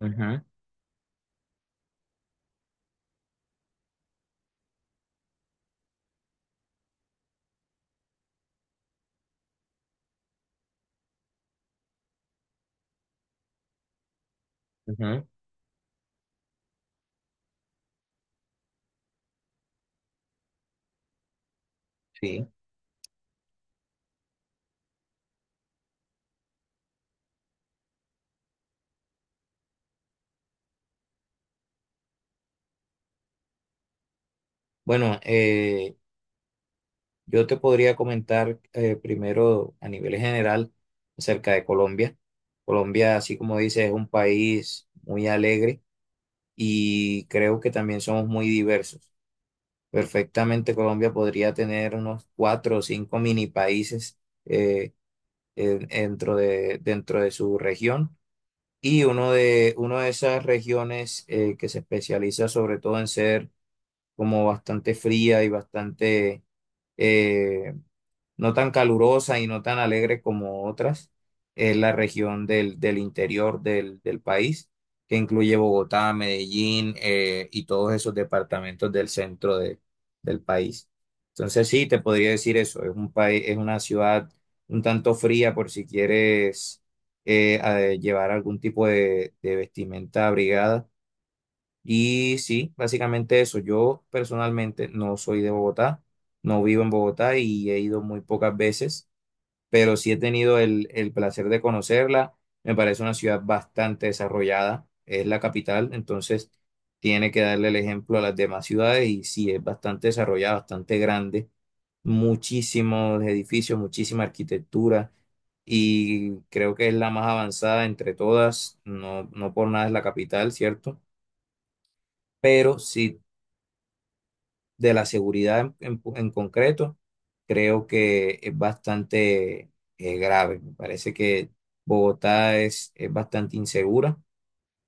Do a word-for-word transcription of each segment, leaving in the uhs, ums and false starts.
Ujú, ujú, sí. Bueno, eh, yo te podría comentar eh, primero a nivel general acerca de Colombia. Colombia, así como dices, es un país muy alegre y creo que también somos muy diversos. Perfectamente Colombia podría tener unos cuatro o cinco mini países eh, en- dentro de, dentro de su región y uno de, uno de esas regiones eh, que se especializa sobre todo en ser como bastante fría y bastante eh, no tan calurosa y no tan alegre como otras. Es la región del, del interior del, del país, que incluye Bogotá, Medellín eh, y todos esos departamentos del centro de- del país. Entonces sí, te podría decir eso. Es un país, es una ciudad un tanto fría por si quieres eh, a- llevar algún tipo de, de vestimenta abrigada y sí, básicamente eso. Yo personalmente no soy de Bogotá, no vivo en Bogotá y he ido muy pocas veces, pero sí he tenido el, el placer de conocerla. Me parece una ciudad bastante desarrollada, es la capital, entonces tiene que darle el ejemplo a las demás ciudades y sí, es bastante desarrollada, bastante grande, muchísimos edificios, muchísima arquitectura y creo que es la más avanzada entre todas, no, no por nada es la capital, ¿cierto? Pero sí, de la seguridad en, en- en concreto, creo que es bastante eh, grave. Me parece que Bogotá es, es bastante insegura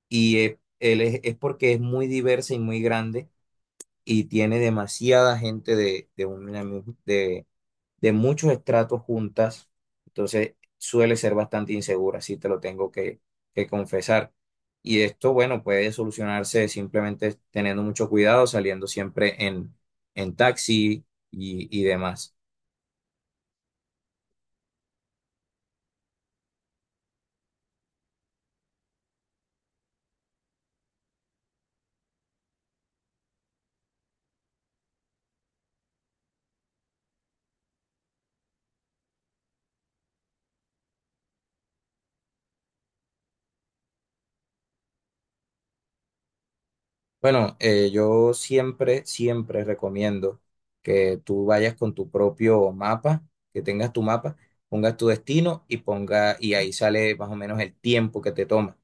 y eh, él es, es porque es muy diversa y muy grande y tiene demasiada gente de, de, una, mi- de de muchos estratos juntas, entonces suele ser bastante insegura, si te lo tengo que, que confesar. Y esto, bueno, puede solucionarse simplemente teniendo mucho cuidado, saliendo siempre en, en taxi y, y demás. Bueno, eh, yo siempre, siempre recomiendo que tú vayas con tu propio mapa, que tengas tu mapa, pongas tu destino y ponga, y ahí sale más o menos el tiempo que te toma.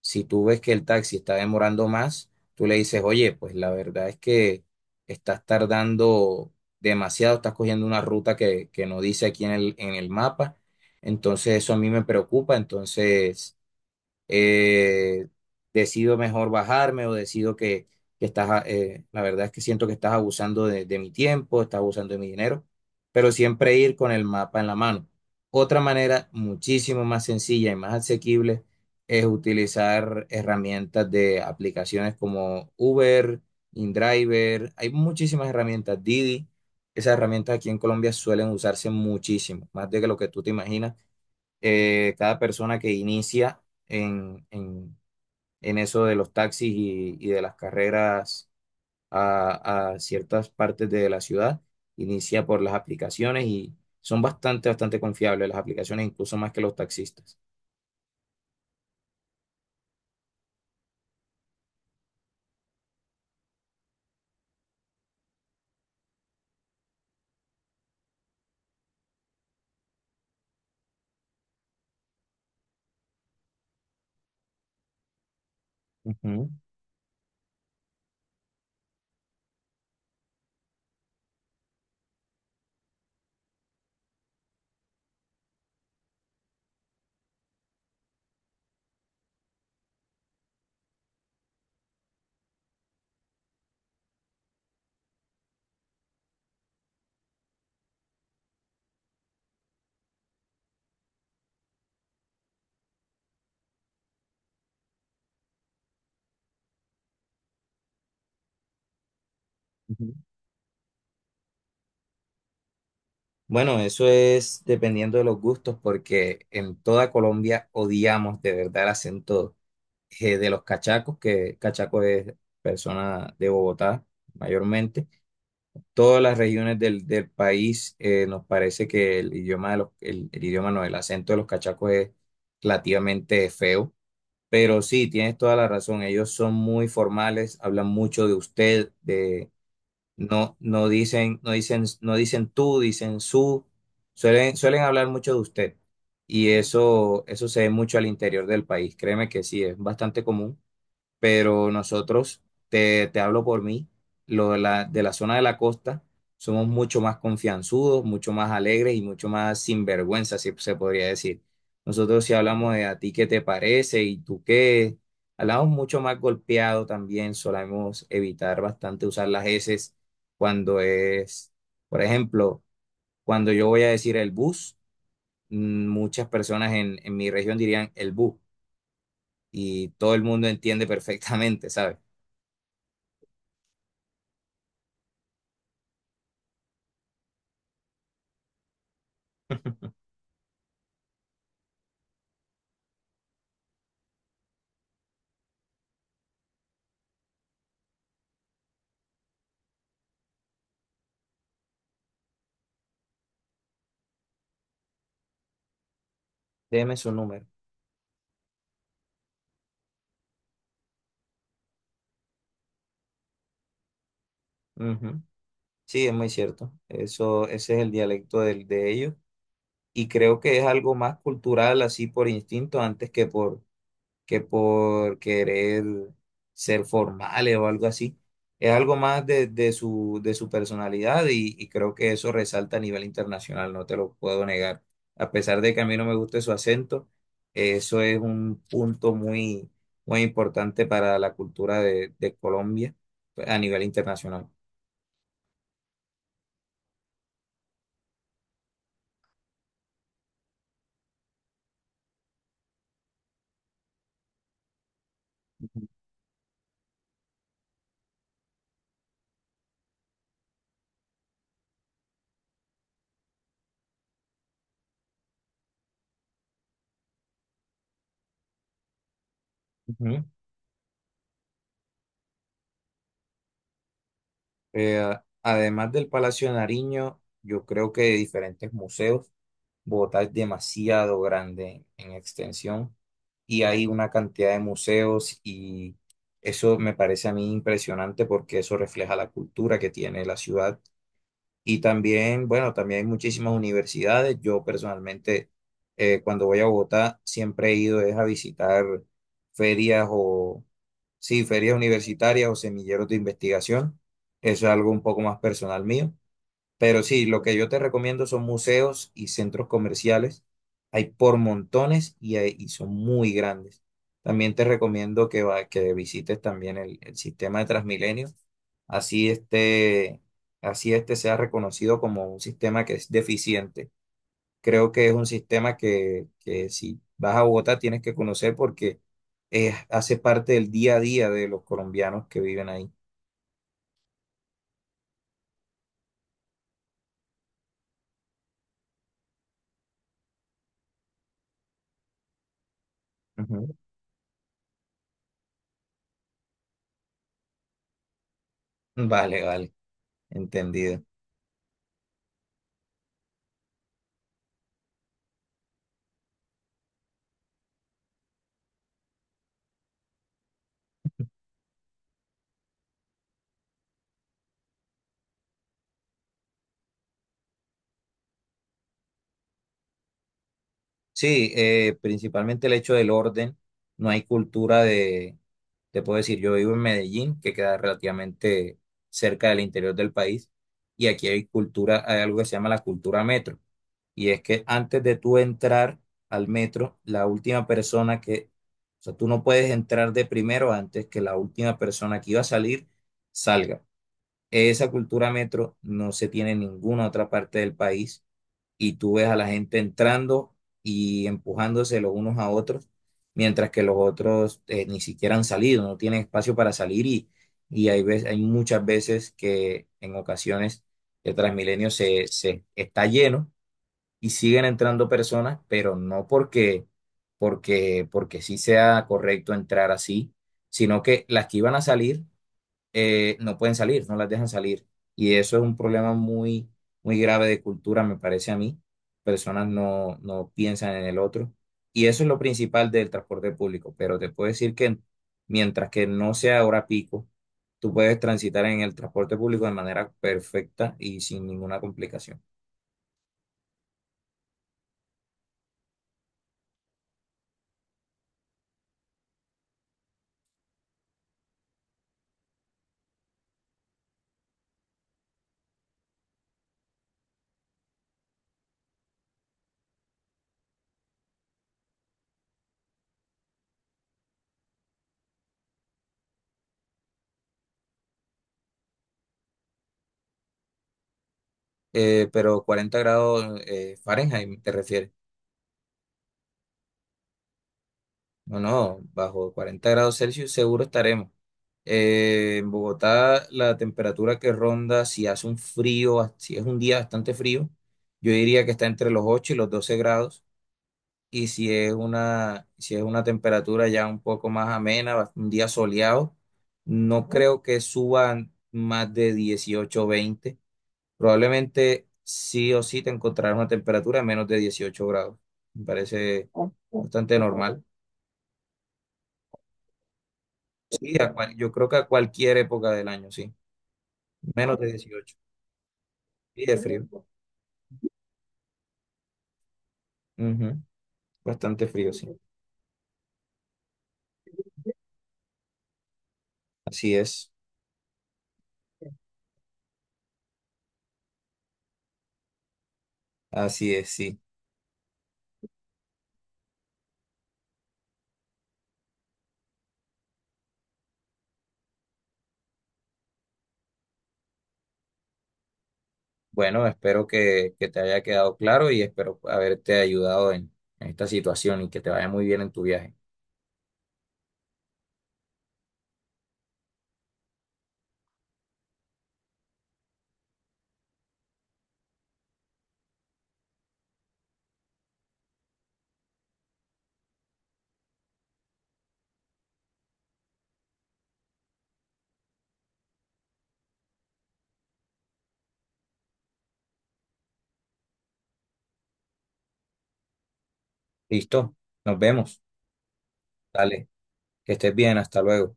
Si tú ves que el taxi está demorando más, tú le dices, oye, pues la verdad es que estás tardando demasiado, estás cogiendo una ruta que, que no dice aquí en el, en el mapa, entonces eso a mí me preocupa, entonces eh, decido mejor bajarme o decido que, que estás, a- eh, la verdad es que siento que estás abusando de, de mi tiempo, estás abusando de mi dinero, pero siempre ir con el mapa en la mano. Otra manera muchísimo más sencilla y más asequible es utilizar herramientas de aplicaciones como Uber, InDriver, hay muchísimas herramientas, Didi. Esas herramientas aquí en Colombia suelen usarse muchísimo, más de lo que tú te imaginas. Eh, cada persona que inicia en, en- en eso de los taxis y, y de las carreras a, a ciertas partes de la ciudad, inicia por las aplicaciones y son bastante, bastante confiables las aplicaciones, incluso más que los taxistas. Ujú, ujú. Bueno, eso es dependiendo de los gustos, porque en toda Colombia odiamos de verdad el acento eh, de los cachacos, que cachaco es persona de Bogotá mayormente todas las regiones del, del país. eh, nos parece que el idioma de los, el, el idioma no, el acento de los cachacos es relativamente feo. Pero sí, tienes toda la razón. Ellos son muy formales, hablan mucho de usted, de no, no dicen, no dicen, no dicen tú, dicen su. Suelen, suelen hablar mucho de usted. Y eso, eso se ve mucho al interior del país. Créeme que sí, es bastante común pero nosotros, te, te hablo por mí, lo de la, de la zona de la costa, somos mucho más confianzudos, mucho más alegres y mucho más sinvergüenza, si se podría decir. Nosotros si hablamos de a ti qué te parece y tú qué, hablamos mucho más golpeado también, solemos evitar bastante usar las eses cuando es, por ejemplo, cuando yo voy a decir el bus, mm, muchas personas en, en mi región dirían el bus y todo el mundo entiende perfectamente, ¿sabes? Deme su número. Ujú. Sí, es muy cierto. Eso, ese es el dialecto del, de ellos. Y creo que es algo más cultural, así por instinto, antes que por, que por querer ser formales o algo así. Es algo más de, de su, de su personalidad y, y creo que eso resalta a nivel internacional, no te lo puedo negar. A pesar de que a mí no me guste su acento, eso es un punto muy, muy importante para la cultura de de Colombia a nivel internacional. Ujú. Eh, Además del Palacio de Nariño, yo creo que de diferentes museos, Bogotá es demasiado grande en extensión y hay una cantidad de museos y eso me parece a mí impresionante porque eso refleja la cultura que tiene la ciudad. Y también, bueno, también hay muchísimas universidades. Yo personalmente, eh, cuando voy a Bogotá, siempre he ido es a visitar ferias Sí, ferias universitarias o semilleros de investigación. Eso es algo un poco más personal mío. Pero sí, lo que yo te recomiendo son museos y centros comerciales. Hay por montones y, hay- y son muy grandes. También te recomiendo que, va- que visites también el, el sistema de Transmilenio. Así este, así este sea reconocido como un sistema que es deficiente. Creo que es un sistema que, que si vas a Bogotá tienes que conocer porque eh, hace parte del día a día de los colombianos que viven ahí. Ujú. Vale, vale, entendido. Sí, eh, principalmente el hecho del orden, no hay cultura de, te puedo decir, yo vivo en Medellín, que queda relativamente cerca del interior del país, y aquí hay cultura, hay algo que se llama la cultura metro. Y es que antes de tú entrar al metro, la última persona que, o sea, tú no puedes entrar de primero antes que la última persona que iba a salir salga. Esa cultura metro no se tiene en ninguna otra parte del país y tú ves a la gente entrando y empujándose los unos a otros, mientras que los otros eh, ni siquiera han salido, no tienen espacio para salir y, y hay veces, hay muchas veces que en ocasiones el Transmilenio se, se está lleno y siguen entrando personas, pero no porque, porque, porque sí sea correcto entrar así, sino que las que iban a salir eh, no pueden salir, no las dejan salir. Y eso es un problema muy, muy grave de cultura, me parece a mí. Personas no, no piensan en el otro. Y eso es lo principal del transporte público. Pero te puedo decir que mientras que no sea hora pico, tú puedes transitar en el transporte público de manera perfecta y sin ninguna complicación. Eh, pero cuarenta grados eh, Fahrenheit te refieres. No, no, bajo cuarenta grados Celsius seguro estaremos. Eh, en Bogotá la temperatura que ronda, si hace un frío, si es un día bastante frío, yo diría que está entre los ocho y los doce grados. Y si es una, si es una temperatura ya un poco más amena, bas- un día soleado, no creo que suban más de dieciocho o veinte. Probablemente sí o sí te encontrarás una temperatura de menos de dieciocho grados. Me parece bastante normal. Sí, a cual- yo creo que a cualquier época del año, sí. Menos de dieciocho. Y de frío. Ujú, Bastante frío, sí. Así es. Así es, sí. Bueno, espero que, que te haya quedado claro y espero haberte ayudado en, en esta situación y que te vaya muy bien en tu viaje. ¿Listo? Nos vemos. Dale. Que estés bien. Hasta luego.